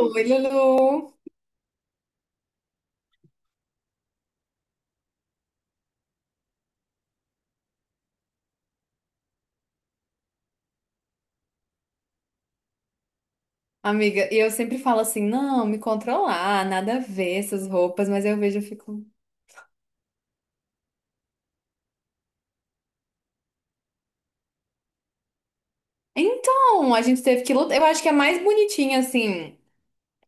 Oi, Lulu. Amiga, e eu sempre falo assim, não, me controlar, nada a ver essas roupas, mas eu vejo e fico. Então, a gente teve que lutar. Eu acho que é mais bonitinha, assim.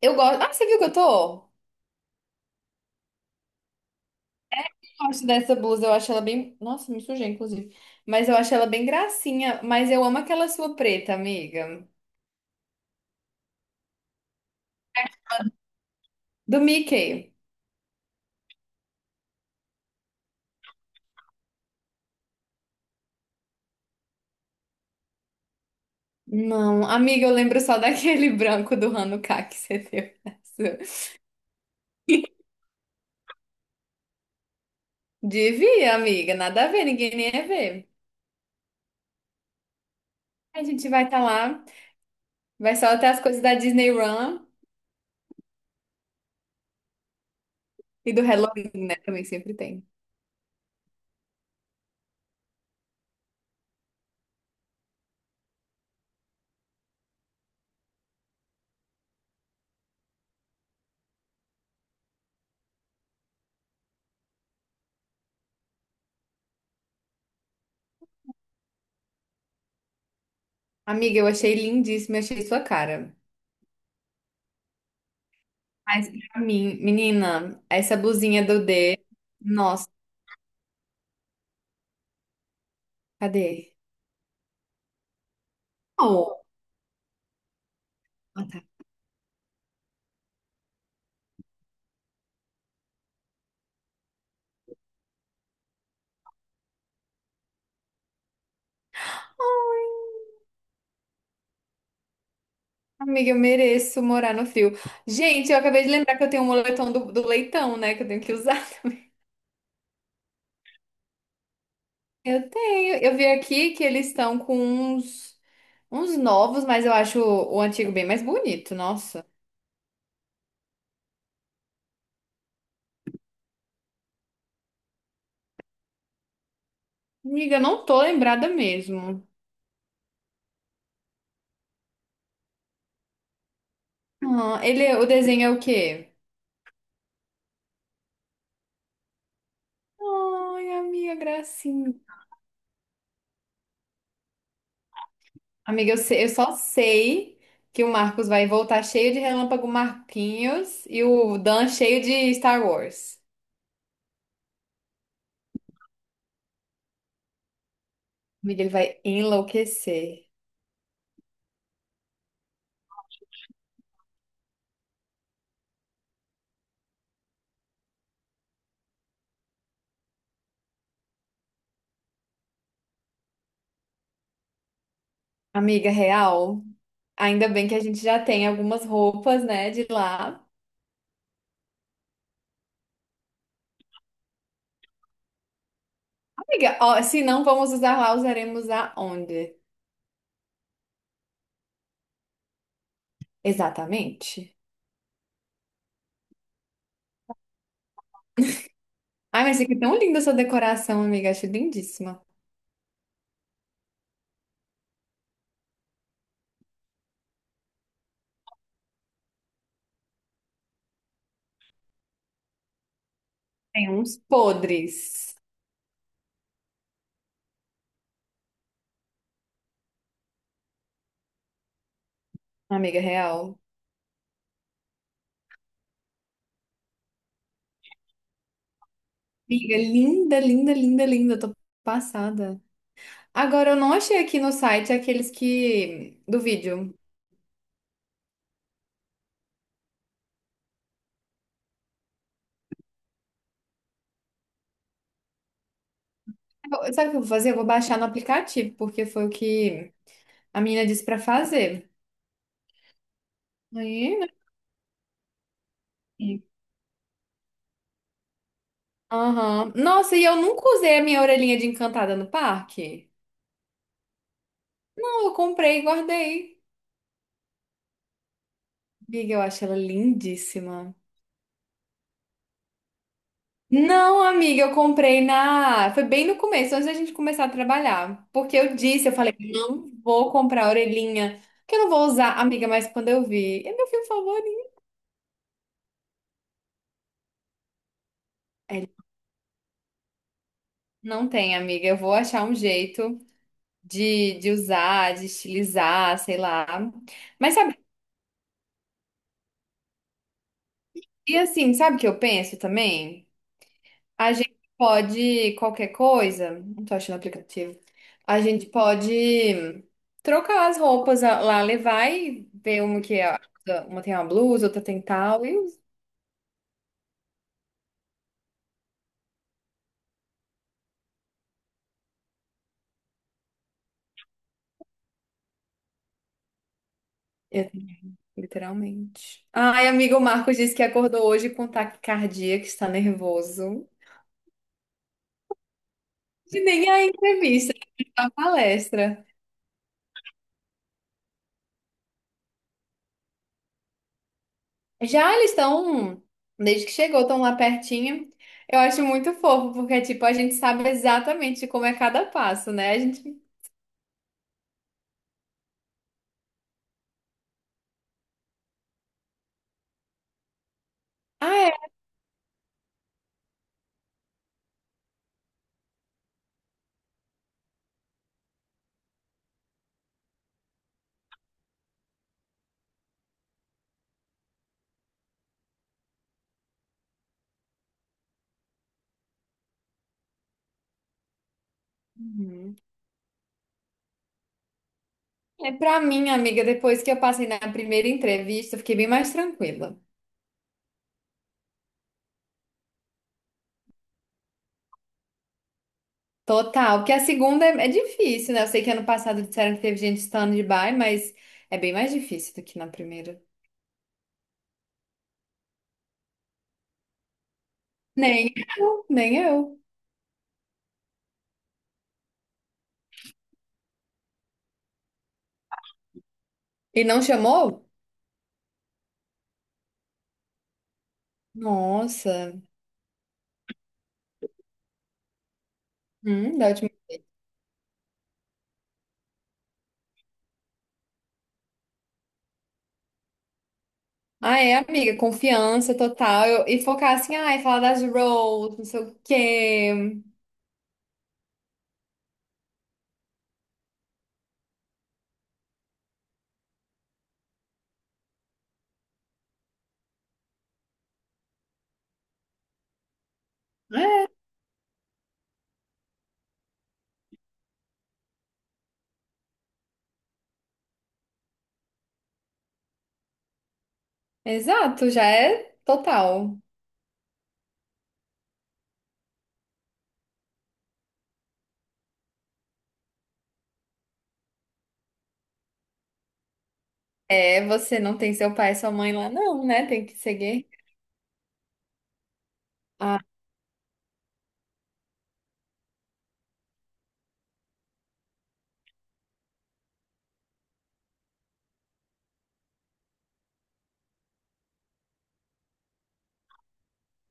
Eu gosto. Ah, você viu que eu tô? Eu gosto dessa blusa, eu acho ela bem. Nossa, me sujei, inclusive. Mas eu acho ela bem gracinha. Mas eu amo aquela sua preta, amiga. Do Mickey. Não, amiga, eu lembro só daquele branco do Hanukkah que você deu. Devia, amiga, nada a ver, ninguém nem ia ver. A gente vai estar lá. Vai só até as coisas da Disney Run e do Halloween, né? Também sempre tem. Amiga, eu achei lindíssima, achei sua cara. Mas pra mim, menina, essa blusinha do D, nossa, cadê? Oh, ah, tá. Amiga, eu mereço morar no frio. Gente, eu acabei de lembrar que eu tenho um moletom do leitão, né? Que eu tenho que usar também. Eu tenho. Eu vi aqui que eles estão com uns, uns novos, mas eu acho o antigo bem mais bonito. Nossa. Amiga, eu não tô lembrada mesmo. Ah, ele, o desenho é o quê? Ai, amiga, gracinha. Amiga, eu, eu só sei que o Marcos vai voltar cheio de Relâmpago Marquinhos e o Dan cheio de Star Wars. Amiga, ele vai enlouquecer. Amiga, real, ainda bem que a gente já tem algumas roupas, né, de lá. Amiga, ó, se não vamos usar lá, usaremos aonde? Exatamente. Ai, mas fica tão linda essa decoração, amiga. Acho lindíssima. Tem uns podres, amiga, real. Amiga, linda, linda, linda, linda. Eu tô passada. Agora, eu não achei aqui no site aqueles que do vídeo. Sabe o que eu vou fazer? Eu vou baixar no aplicativo, porque foi o que a menina disse pra fazer. Aí, né? Aham. Nossa, e eu nunca usei a minha orelhinha de encantada no parque. Não, eu comprei e guardei. Amiga, eu acho ela lindíssima. Não, amiga, eu comprei na. Foi bem no começo, antes da gente começar a trabalhar. Porque eu disse, eu falei, não vou comprar a orelhinha, que eu não vou usar, amiga, mas quando eu vi, é meu filme favorito. É, ele, não tem, amiga, eu vou achar um jeito de usar, de estilizar, sei lá. Mas sabe, e assim, sabe o que eu penso também? A gente pode qualquer coisa, não tô achando o aplicativo. A gente pode trocar as roupas lá, levar e ver uma que é, uma tem uma blusa, outra tem tal e usar, literalmente. Ai, amigo, o Marcos disse que acordou hoje com taquicardia, que está nervoso. E nem a entrevista, a palestra. Já eles estão, desde que chegou, estão lá pertinho. Eu acho muito fofo, porque, tipo, a gente sabe exatamente como é cada passo, né? A gente. Ah, é. Uhum. É, para mim, amiga, depois que eu passei na primeira entrevista, eu fiquei bem mais tranquila. Total, porque a segunda é difícil, né? Eu sei que ano passado disseram que teve gente stand-by, mas é bem mais difícil do que na primeira. Nem nem eu. E não chamou? Nossa. Da última... Ah, é, amiga, confiança total. E focar assim, ai, falar das roles, não sei o quê. Exato, já é total. É, você não tem seu pai e sua mãe lá, não, né? Tem que seguir.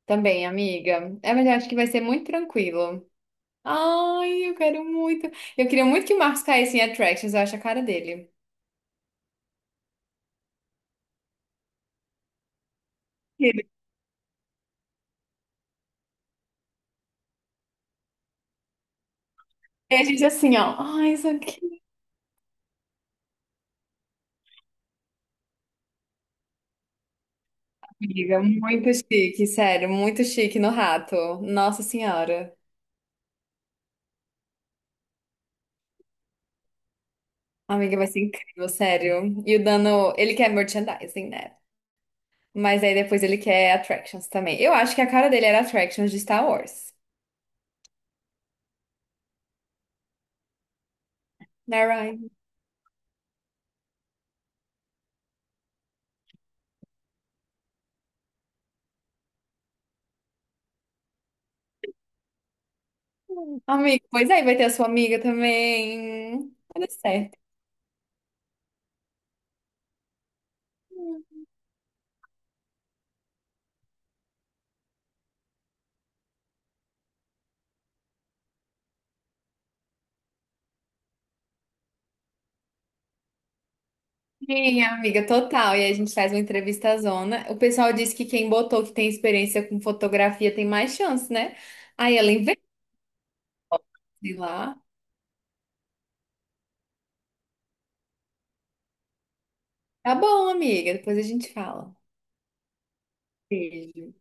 Também, amiga. É, mas eu acho que vai ser muito tranquilo. Ai, eu quero muito. Eu queria muito que o Marcos caísse em Attractions, eu acho a cara dele. Ele- E a gente assim, ó. Ai, isso aqui, amiga. Muito chique, sério. Muito chique no rato. Nossa Senhora. Amiga, vai ser incrível, sério. E o Dano, ele quer merchandising, né? Mas aí depois ele quer Attractions também. Eu acho que a cara dele era Attractions de Star Wars. Né, Ryan? Amiga, pois aí vai ter a sua amiga também. Vai dar certo. Sim, amiga, total. E aí a gente faz uma entrevista zona. O pessoal disse que quem botou que tem experiência com fotografia tem mais chance, né? Aí ela investe lá. Tá bom, amiga, depois a gente fala. Beijo.